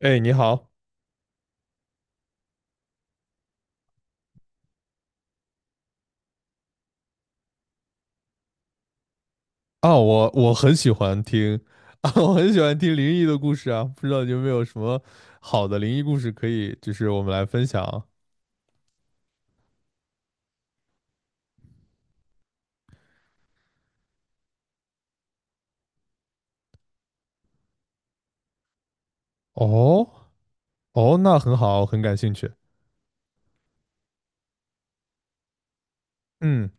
哎，你好啊，我很喜欢听 啊，我很喜欢听灵异的故事啊，不知道你有没有什么好的灵异故事可以，就是我们来分享。哦哦，那很好，很感兴趣。嗯，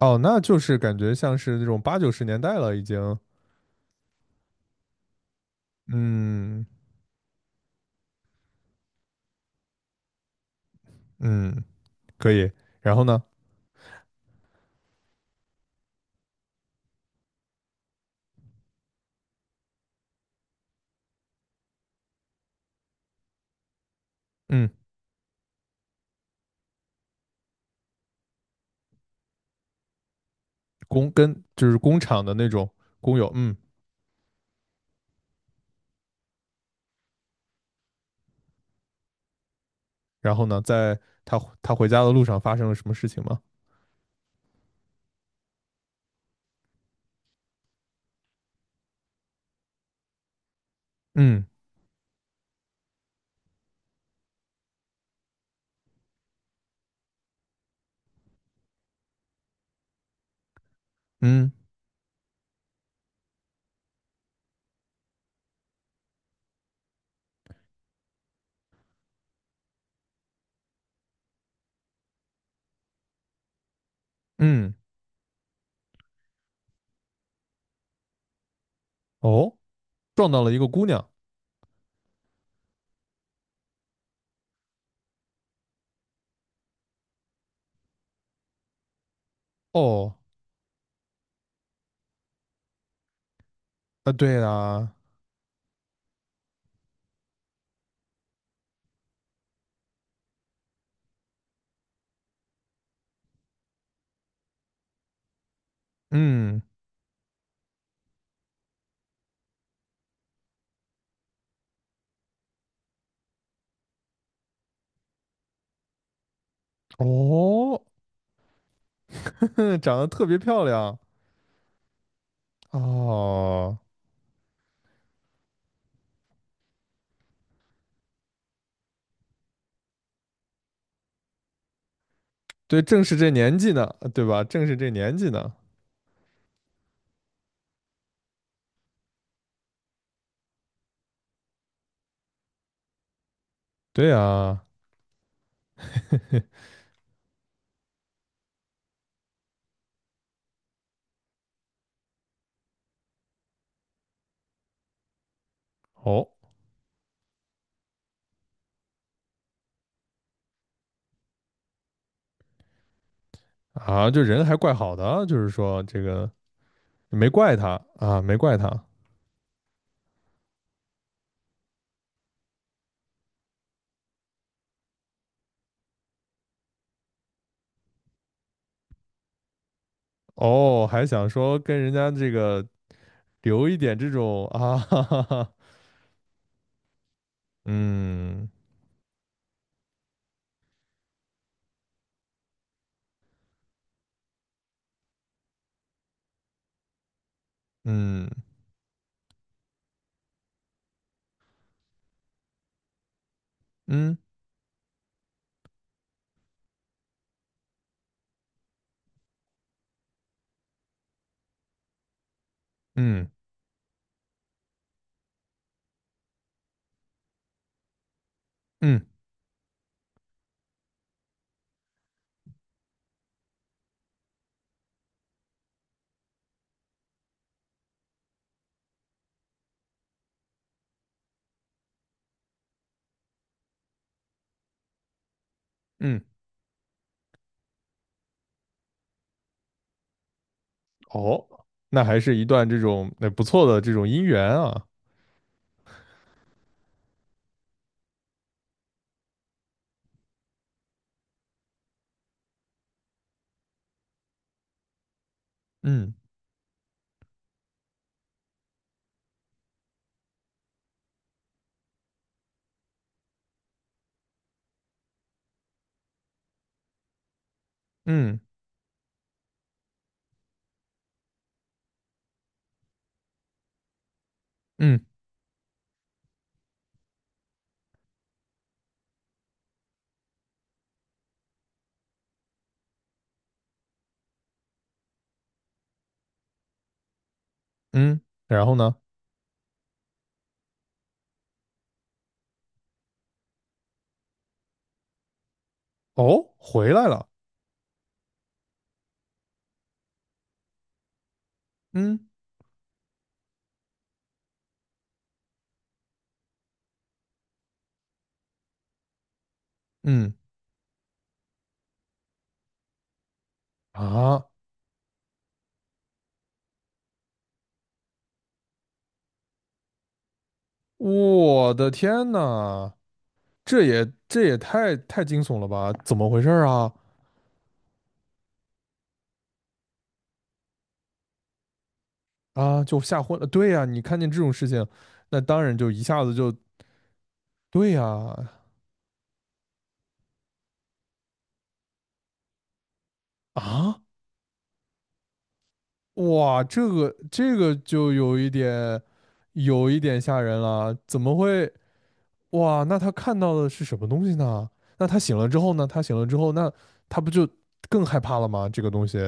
哦，那就是感觉像是那种八九十年代了，已经。嗯嗯，可以。然后呢，嗯，跟就是工厂的那种工友，嗯，然后呢，在他回家的路上发生了什么事情吗？嗯嗯嗯，哦，撞到了一个姑娘。哦，啊，对啦，嗯，哦，长得特别漂亮，哦，对，正是这年纪呢，对吧？正是这年纪呢，对啊，哦，啊，就人还怪好的啊就是说这个没怪他啊，没怪他，哦，还想说跟人家这个留一点这种啊，哈哈哈，嗯嗯嗯嗯嗯嗯，哦，那还是一段这种那不错的这种姻缘啊。嗯嗯嗯嗯，然后呢？哦，回来了。嗯嗯啊，我的天呐，这也太惊悚了吧？怎么回事儿啊？啊，就吓昏了。对呀，你看见这种事情，那当然就一下子就对呀啊，哇，这个就有一点吓人了，怎么会？哇，那他看到的是什么东西呢？那他醒了之后呢？他醒了之后，那他不就更害怕了吗？这个东西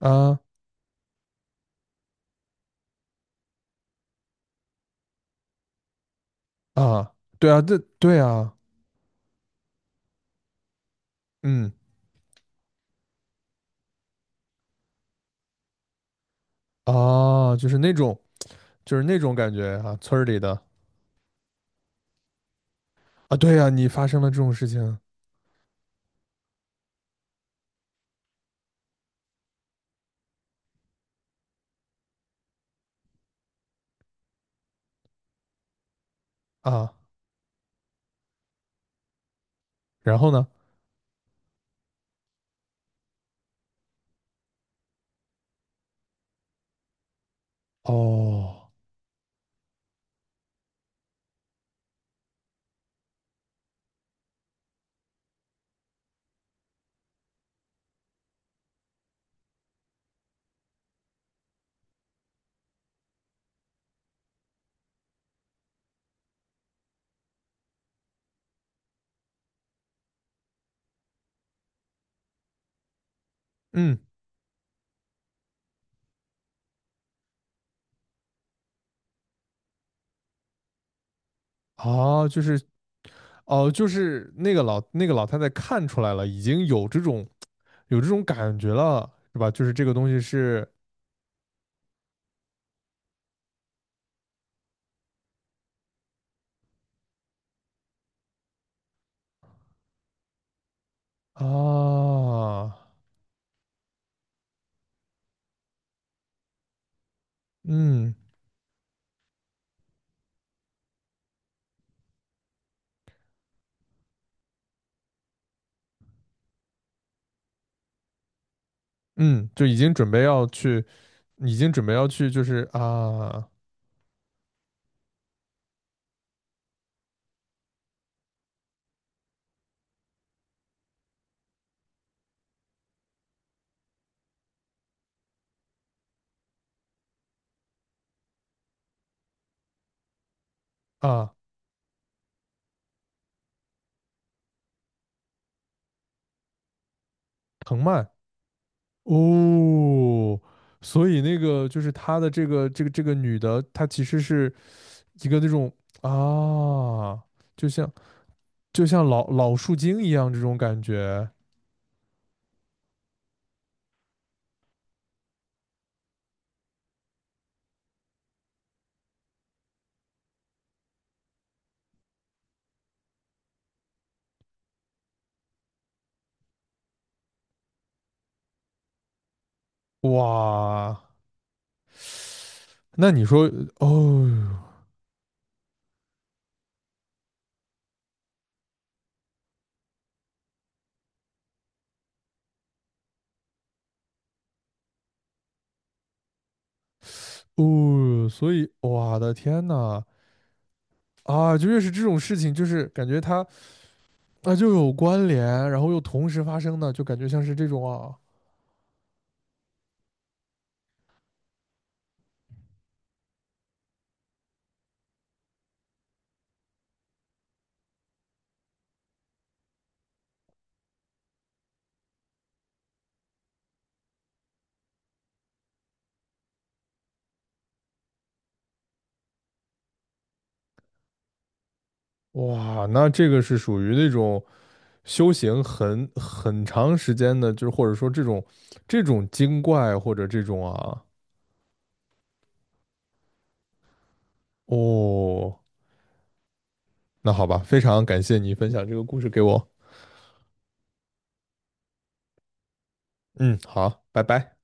啊啊，对啊，这对啊，嗯啊，就是那种感觉啊，村儿里的啊，对呀，你发生了这种事情啊，然后呢？哦，嗯，啊，就是哦，就是那个老那个老太太看出来了，已经有这种感觉了，是吧？就是这个东西是啊，嗯。嗯，就已经准备要去，已经准备要去，就是啊啊，藤蔓哦，所以那个就是他的这个女的，她其实是一个那种啊，就像就像老树精一样这种感觉，哇，那你说哦哦，所以我的天呐啊，就越是这种事情，就是感觉她。那就有关联，然后又同时发生的，就感觉像是这种啊，哇，那这个是属于那种修行很长时间的，就是或者说这种精怪或者这种啊，哦，那好吧，非常感谢你分享这个故事给我。嗯，好，拜拜。